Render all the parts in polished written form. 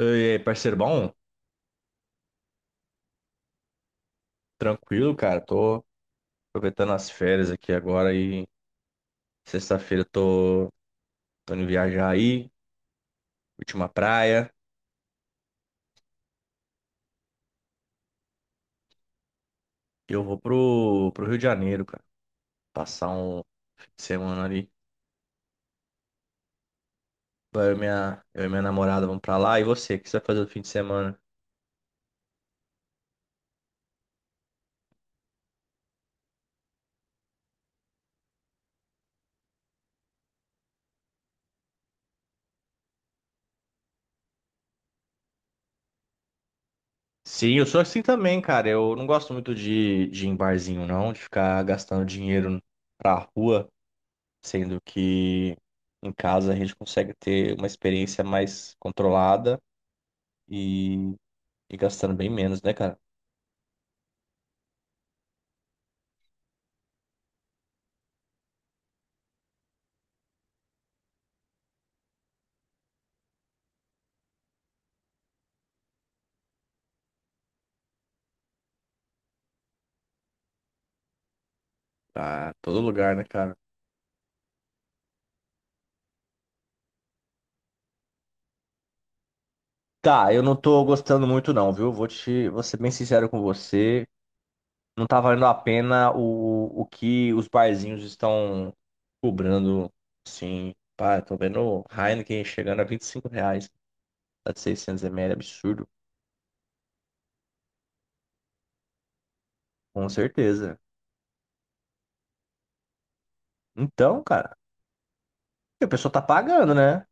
E aí, parceiro, bom? Tranquilo, cara. Tô aproveitando as férias aqui agora e sexta-feira eu tô indo viajar aí, última praia. E eu vou pro Rio de Janeiro, cara. Passar um fim de semana ali. Vai eu e minha namorada vamos pra lá. E você, o que você vai fazer no fim de semana? Sim, eu sou assim também, cara. Eu não gosto muito de ir em barzinho, não, de ficar gastando dinheiro pra rua, sendo que em casa a gente consegue ter uma experiência mais controlada e, e gastando bem menos, né, cara? Tá, todo lugar, né, cara? Tá, eu não tô gostando muito não, viu? Vou ser bem sincero com você. Não tá valendo a pena o que os barzinhos estão cobrando, sim. Pá, eu tô vendo o Heineken chegando a R$ 25, tá de 600 ml, absurdo. Com certeza. Então, cara, a pessoa tá pagando, né?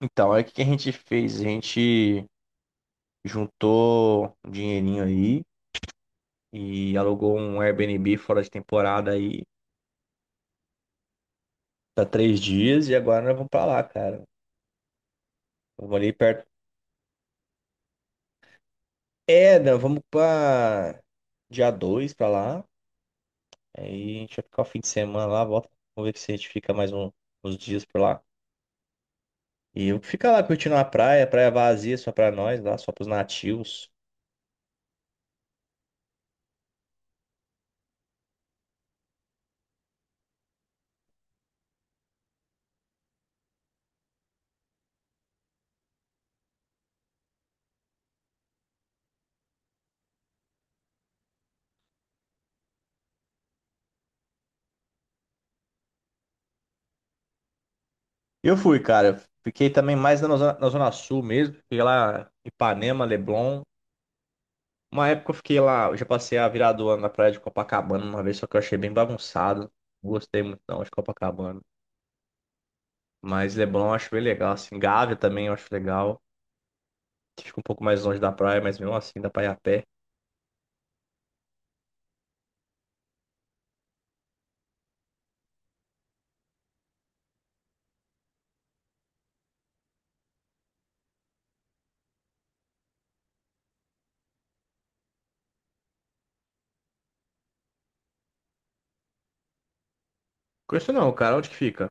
Então, aí o que que a gente fez? A gente juntou um dinheirinho aí e alugou um Airbnb fora de temporada aí tá três dias e agora nós vamos pra lá, cara. Vamos ali perto. É, nós vamos pra dia 2 pra lá. Aí a gente vai ficar o fim de semana lá, volta. Vamos ver se a gente fica mais uns dias por lá. E eu ficar lá curtindo a praia, praia vazia só pra nós, lá só pros nativos. Eu fui, cara. Fiquei também mais na zona sul mesmo. Fiquei lá em Ipanema, Leblon. Uma época eu fiquei lá, eu já passei a virada do ano na praia de Copacabana uma vez, só que eu achei bem bagunçado. Não gostei muito não de Copacabana. Mas Leblon eu acho bem legal, assim. Gávea também eu acho legal, que fica um pouco mais longe da praia, mas mesmo assim dá pra ir a pé. Conheço não, cara. Onde que fica?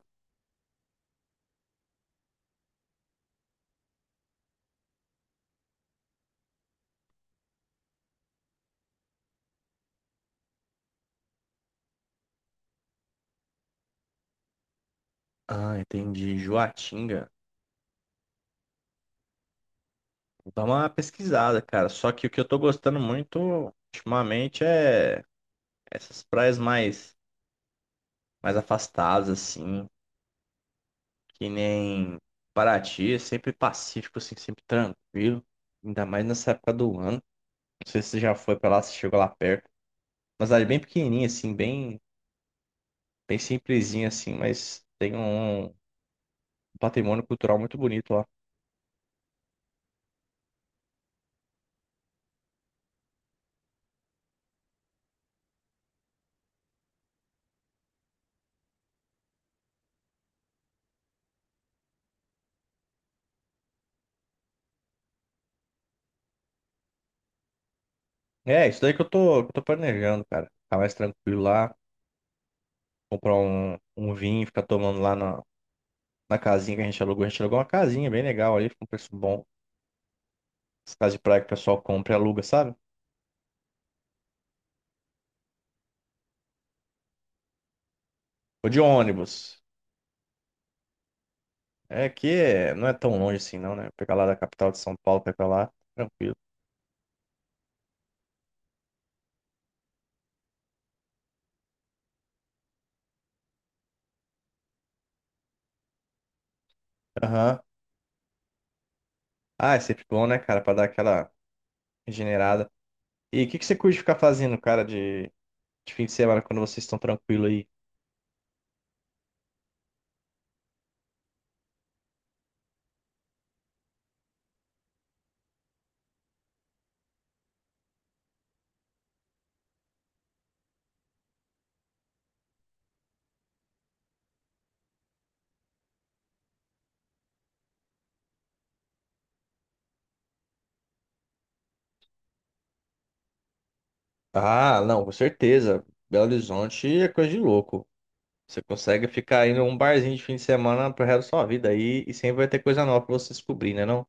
Ah, entendi. Joatinga. Vou dar uma pesquisada, cara. Só que o que eu tô gostando muito ultimamente é essas praias mais afastadas, assim. Que nem Paraty, é sempre pacífico, assim, sempre tranquilo. Ainda mais nessa época do ano. Não sei se você já foi pra lá, se chegou lá perto. Mas cidade bem pequenininha, assim, bem, bem simplesinha, assim, mas tem um patrimônio cultural muito bonito lá. É, isso daí que eu tô planejando, cara. Ficar mais tranquilo lá, comprar um vinho, ficar tomando lá na casinha que a gente alugou. A gente alugou uma casinha bem legal ali, com um preço bom. As casas de praia que o pessoal compra e aluga, sabe? Ou de ônibus. É aqui não é tão longe assim, não, né? Pegar lá da capital de São Paulo, pegar lá, tranquilo. Aham. Ah, é sempre bom, né, cara, pra dar aquela regenerada. E o que que você curte ficar fazendo, cara, de fim de semana quando vocês estão tranquilo aí? Ah, não, com certeza. Belo Horizonte é coisa de louco. Você consegue ficar indo a um barzinho de fim de semana pro resto da sua vida aí e sempre vai ter coisa nova pra você descobrir, né, não?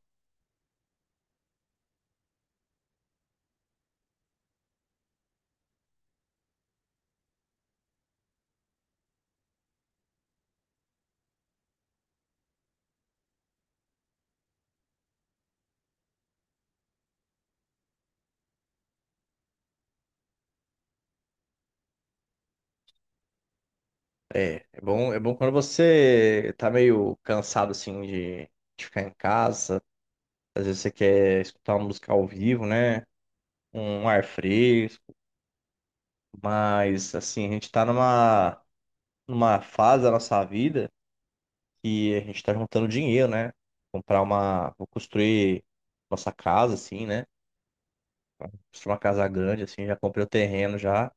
É, é bom quando você tá meio cansado assim de ficar em casa. Às vezes você quer escutar uma música ao vivo, né? Um ar fresco. Mas, assim, a gente tá numa fase da nossa vida que a gente tá juntando dinheiro, né? Comprar uma. Vou construir nossa casa, assim, né? Construir uma casa grande, assim. Já comprei o terreno já.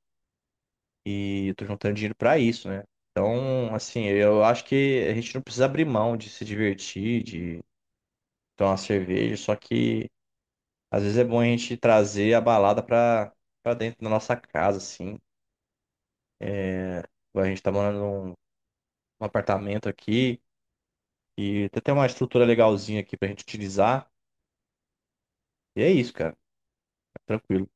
E eu tô juntando dinheiro pra isso, né? Então, assim, eu acho que a gente não precisa abrir mão de se divertir, de tomar uma cerveja. Só que, às vezes, é bom a gente trazer a balada pra dentro da nossa casa, assim. É, a gente tá morando num apartamento aqui e tem até uma estrutura legalzinha aqui pra gente utilizar. E é isso, cara. É tranquilo.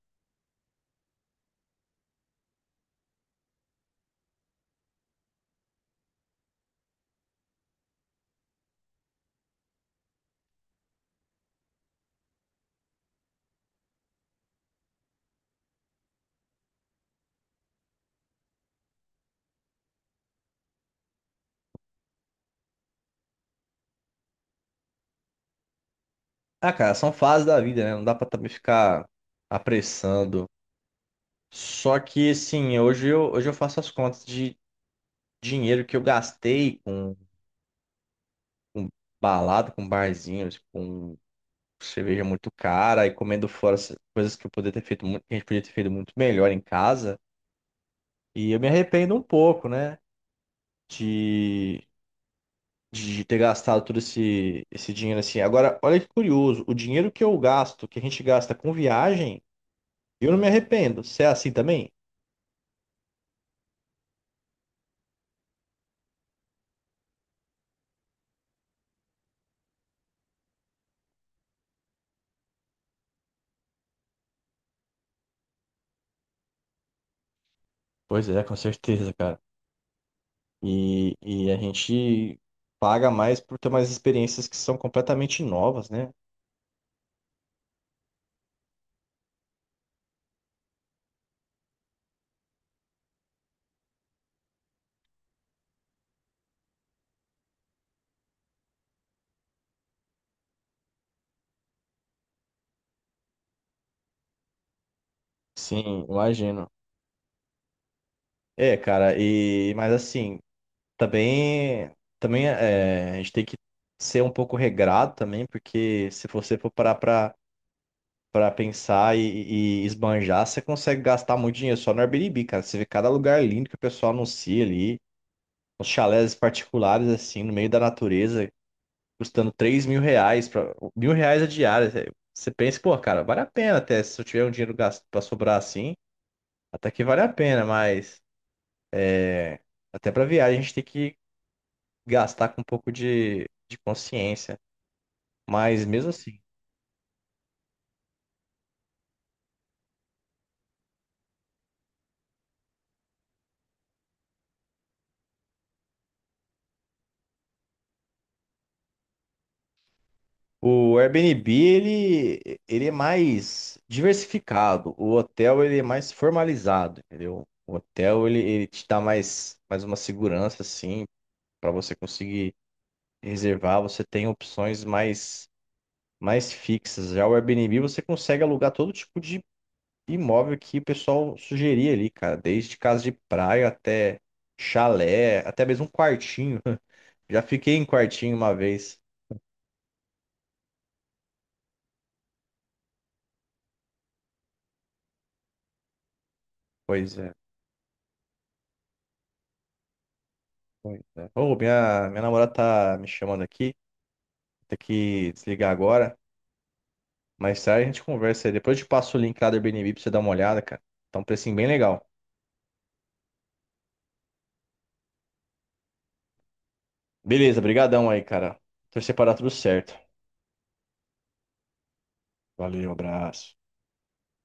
Ah, cara, são fases da vida, né? Não dá pra também ficar apressando. Só que, assim, hoje eu faço as contas de dinheiro que eu gastei com balada, com barzinhos, com cerveja muito cara e comendo fora essas coisas que eu poderia ter feito muito, que a gente podia ter feito muito melhor em casa. E eu me arrependo um pouco, né? De de ter gastado todo esse dinheiro assim. Agora, olha que curioso, o dinheiro que eu gasto, que a gente gasta com viagem, eu não me arrependo. Você é assim também? Pois é, com certeza, cara. E a gente paga mais por ter umas experiências que são completamente novas, né? Sim, imagino. É, cara, e mas assim, também também é, a gente tem que ser um pouco regrado também, porque se você for parar pra para pensar e esbanjar, você consegue gastar muito dinheiro só no Airbnb, cara. Você vê cada lugar lindo que o pessoal anuncia ali, uns chalés particulares, assim, no meio da natureza, custando R$ 3.000, pra, R$ 1.000 a diária. Você pensa, pô, cara, vale a pena até, se eu tiver um dinheiro gasto para sobrar assim, até que vale a pena, mas é, até para viagem a gente tem que gastar com um pouco de consciência. Mas mesmo assim, o Airbnb, ele é mais diversificado. O hotel, ele é mais formalizado, entendeu? O hotel, ele te dá mais uma segurança, assim, para você conseguir reservar. Você tem opções mais fixas. Já o Airbnb, você consegue alugar todo tipo de imóvel que o pessoal sugeria ali, cara. Desde casa de praia até chalé, até mesmo um quartinho. Já fiquei em quartinho uma vez. Pois é. Pois é. Ô, minha namorada tá me chamando aqui. Tem que desligar agora. Mais tarde a gente conversa aí. Depois eu te passo o link lá do Airbnb pra você dar uma olhada, cara. Tá um precinho bem legal. Beleza, brigadão aí, cara. Torcer pra dar tudo certo. Valeu, abraço.